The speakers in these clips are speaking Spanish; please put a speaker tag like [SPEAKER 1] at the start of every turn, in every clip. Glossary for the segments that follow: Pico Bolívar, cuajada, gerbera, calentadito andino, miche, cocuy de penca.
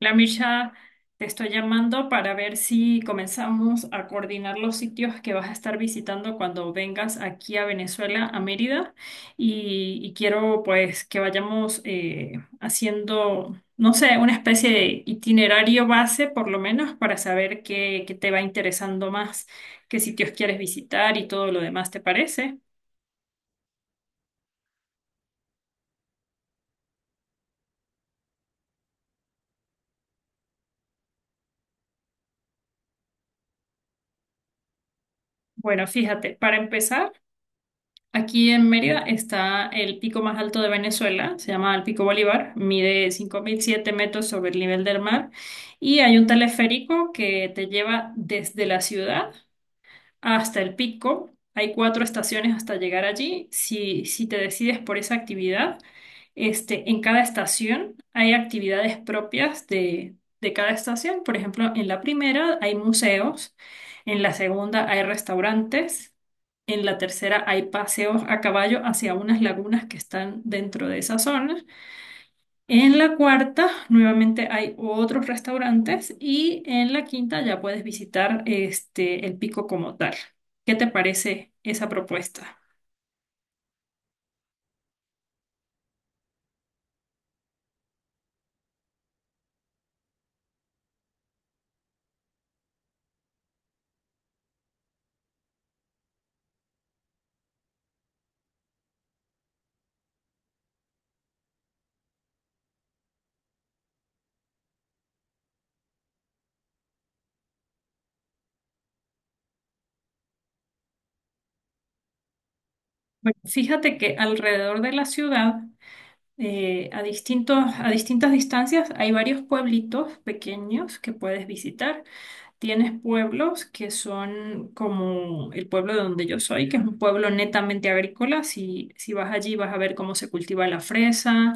[SPEAKER 1] La Mircha, te estoy llamando para ver si comenzamos a coordinar los sitios que vas a estar visitando cuando vengas aquí a Venezuela, a Mérida, y quiero pues que vayamos haciendo, no sé, una especie de itinerario base por lo menos para saber qué te va interesando más, qué sitios quieres visitar y todo lo demás, ¿te parece? Bueno, fíjate, para empezar. Aquí en Mérida está el pico más alto de Venezuela, se llama el Pico Bolívar, mide 5.007 metros sobre el nivel del mar y hay un teleférico que te lleva desde la ciudad hasta el pico. Hay cuatro estaciones hasta llegar allí. Si te decides por esa actividad, en cada estación hay actividades propias de cada estación. Por ejemplo, en la primera hay museos, en la segunda hay restaurantes, en la tercera hay paseos a caballo hacia unas lagunas que están dentro de esa zona. En la cuarta, nuevamente hay otros restaurantes y en la quinta ya puedes visitar el pico como tal. ¿Qué te parece esa propuesta? Bueno, fíjate que alrededor de la ciudad, a a distintas distancias, hay varios pueblitos pequeños que puedes visitar. Tienes pueblos que son como el pueblo de donde yo soy, que es un pueblo netamente agrícola. Si vas allí vas a ver cómo se cultiva la fresa,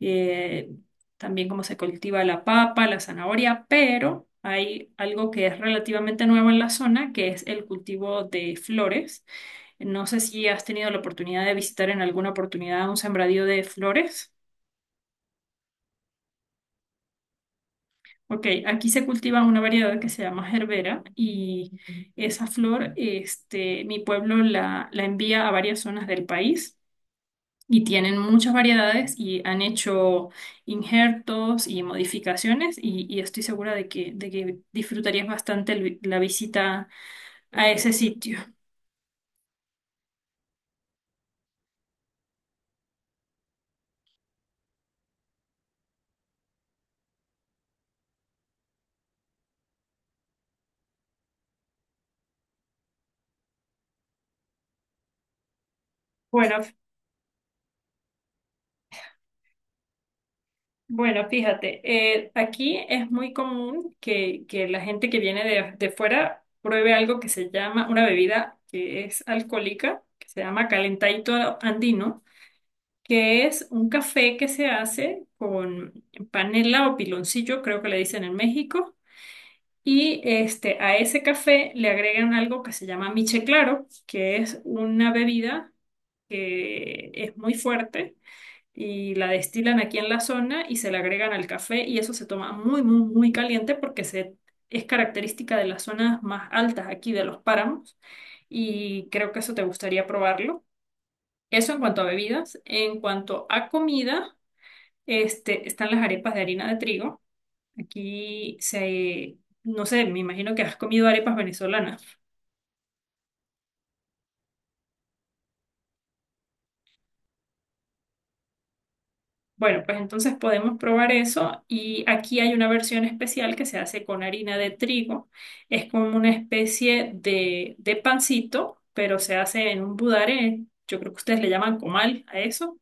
[SPEAKER 1] eh, también cómo se cultiva la papa, la zanahoria, pero hay algo que es relativamente nuevo en la zona, que es el cultivo de flores. No sé si has tenido la oportunidad de visitar en alguna oportunidad un sembradío de flores. Ok, aquí se cultiva una variedad que se llama gerbera y esa flor, mi pueblo la envía a varias zonas del país y tienen muchas variedades y han hecho injertos y modificaciones y estoy segura de que disfrutarías bastante el la visita a ese sitio. Bueno, Bueno, fíjate, aquí es muy común que la gente que viene de fuera pruebe algo que se llama, una bebida que es alcohólica, que se llama calentadito andino, que es un café que se hace con panela o piloncillo, creo que le dicen en México, y este, a ese café le agregan algo que se llama miche claro, que es una bebida que es muy fuerte y la destilan aquí en la zona y se la agregan al café y eso se toma muy, muy, muy caliente porque se, es característica de las zonas más altas aquí de los páramos y creo que eso te gustaría probarlo. Eso en cuanto a bebidas. En cuanto a comida, este, están las arepas de harina de trigo. Aquí se, no sé, me imagino que has comido arepas venezolanas. Bueno, pues entonces podemos probar eso y aquí hay una versión especial que se hace con harina de trigo. Es como una especie de pancito, pero se hace en un budare, yo creo que ustedes le llaman comal a eso,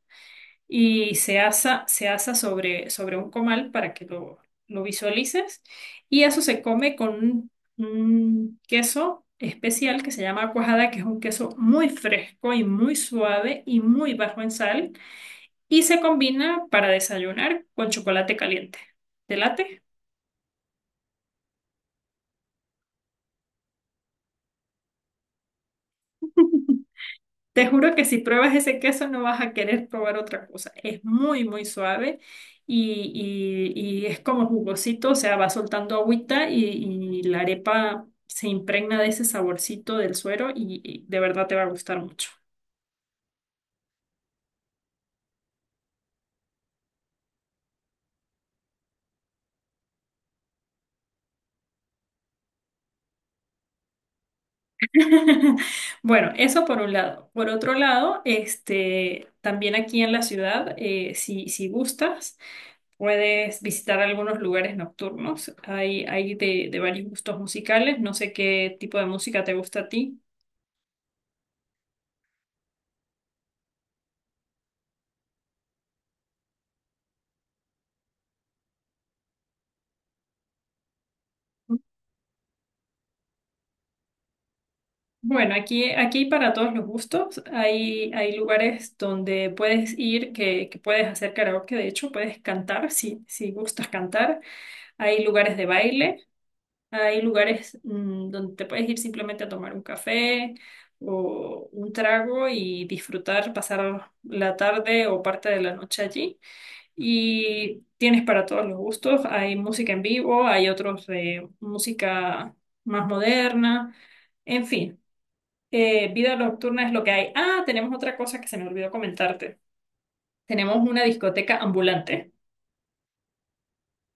[SPEAKER 1] y se asa sobre, sobre un comal para que lo visualices. Y eso se come con un queso especial que se llama cuajada, que es un queso muy fresco y muy suave y muy bajo en sal y se combina para desayunar con chocolate caliente. ¿Te late? Te juro que si pruebas ese queso no vas a querer probar otra cosa. Es muy, muy suave y, y es como jugosito, o sea, va soltando agüita y la arepa se impregna de ese saborcito del suero y de verdad te va a gustar mucho. Bueno, eso por un lado. Por otro lado, este, también aquí en la ciudad, si gustas. Puedes visitar algunos lugares nocturnos. Hay de varios gustos musicales. No sé qué tipo de música te gusta a ti. Bueno, aquí hay para todos los gustos. Hay lugares donde puedes ir, que puedes hacer karaoke. De hecho, puedes cantar si gustas cantar. Hay lugares de baile. Hay lugares donde te puedes ir simplemente a tomar un café o un trago y disfrutar, pasar la tarde o parte de la noche allí. Y tienes para todos los gustos, hay música en vivo, hay otros de música más moderna, en fin, vida nocturna es lo que hay. Ah, tenemos otra cosa que se me olvidó comentarte. Tenemos una discoteca ambulante.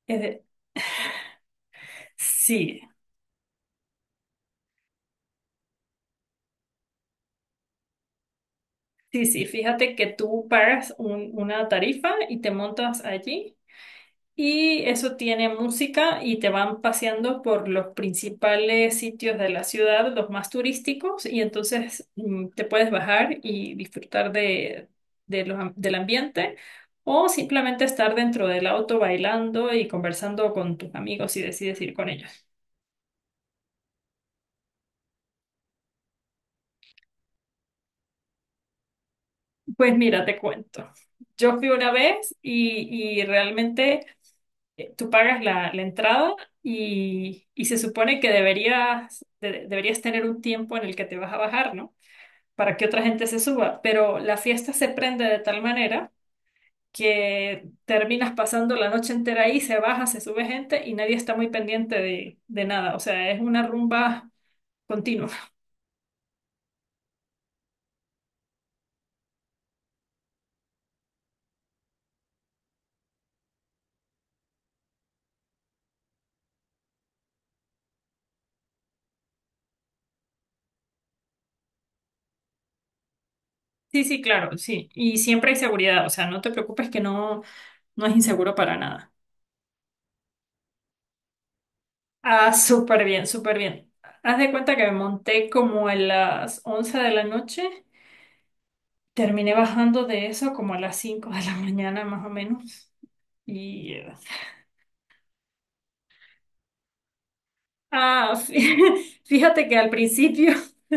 [SPEAKER 1] Es de- Sí, sí, fíjate que tú pagas una tarifa y te montas allí. Y eso tiene música y te van paseando por los principales sitios de la ciudad, los más turísticos, y entonces te puedes bajar y disfrutar de los del ambiente o simplemente estar dentro del auto bailando y conversando con tus amigos si decides ir con ellos. Pues mira, te cuento. Yo fui una vez y realmente tú pagas la entrada y se supone que deberías tener un tiempo en el que te vas a bajar, ¿no? Para que otra gente se suba, pero la fiesta se prende de tal manera que terminas pasando la noche entera ahí, se baja, se sube gente y nadie está muy pendiente de nada, o sea, es una rumba continua. Sí, sí, claro, sí, y siempre hay seguridad, o sea, no te preocupes que no, no es inseguro para nada. Ah, súper bien, súper bien. Haz de cuenta que me monté como a las 11 de la noche, terminé bajando de eso como a las 5 de la mañana más o menos. Y ah, fíjate que al principio,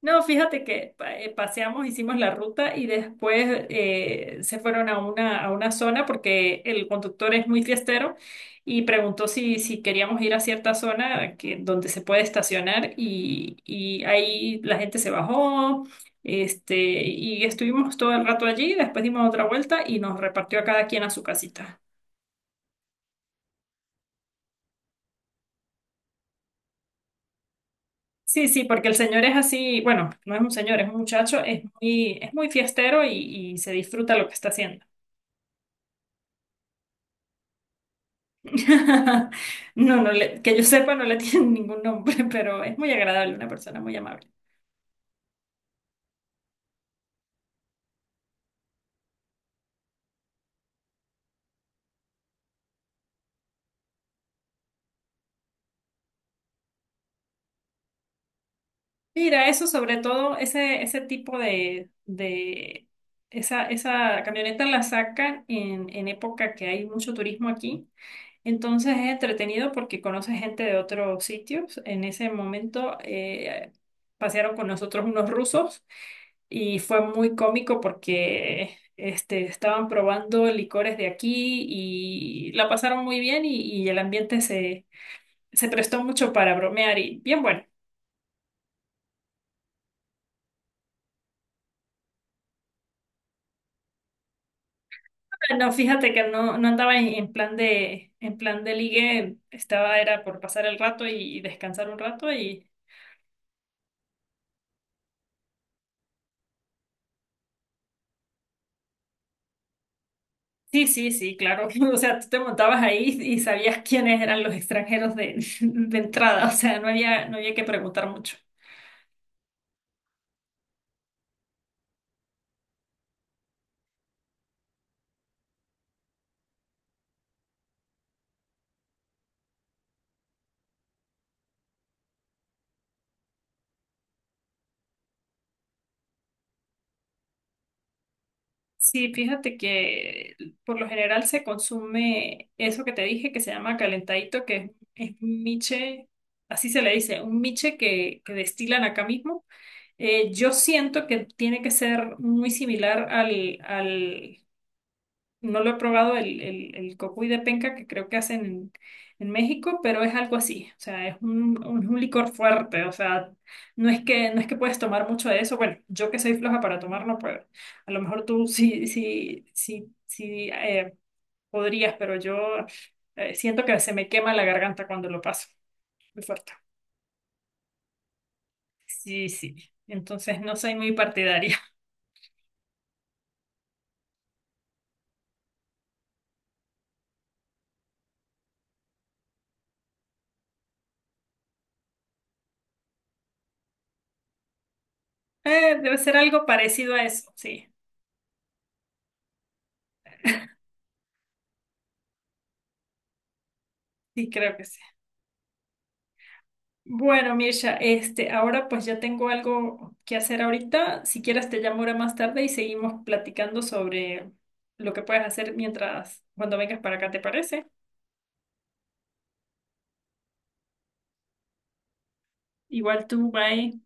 [SPEAKER 1] no, fíjate que paseamos, hicimos la ruta y después se fueron a una zona porque el conductor es muy fiestero y preguntó si queríamos ir a cierta zona que, donde se puede estacionar y ahí la gente se bajó este, y estuvimos todo el rato allí, después dimos otra vuelta y nos repartió a cada quien a su casita. Sí, sí, porque el señor es así, bueno, no es un señor, es un muchacho, es muy fiestero y se disfruta lo que está haciendo. No, que yo sepa, no le tiene ningún nombre, pero es muy agradable, una persona muy amable. Mira, eso sobre todo, ese tipo de esa camioneta la sacan en época que hay mucho turismo aquí. Entonces es entretenido porque conoces gente de otros sitios. En ese momento pasearon con nosotros unos rusos. Y fue muy cómico porque estaban probando licores de aquí y la pasaron muy bien y el ambiente se, se prestó mucho para bromear y bien bueno. No, fíjate que no, no andaba en plan de ligue, estaba, era por pasar el rato y descansar un rato y sí, claro. O sea, tú te montabas ahí y sabías quiénes eran los extranjeros de, de entrada, o sea, no había que preguntar mucho. Sí, fíjate que por lo general se consume eso que te dije que se llama calentadito, es un miche, así se le dice, un miche que destilan acá mismo. Yo siento que tiene que ser muy similar al no lo he probado el cocuy de penca que creo que hacen en México, pero es algo así. O sea, es un licor fuerte. O sea, no es que puedes tomar mucho de eso. Bueno, yo que soy floja para tomar no puedo. A lo mejor tú sí, podrías, pero yo siento que se me quema la garganta cuando lo paso. Muy fuerte. Sí, sí. Entonces no soy muy partidaria. Debe ser algo parecido a eso. Sí, sí, creo que sí. Bueno, Mirsha, este, ahora pues ya tengo algo que hacer ahorita. Si quieres te llamo ahora más tarde y seguimos platicando sobre lo que puedes hacer mientras, cuando vengas para acá, ¿te parece? Igual tú, bye.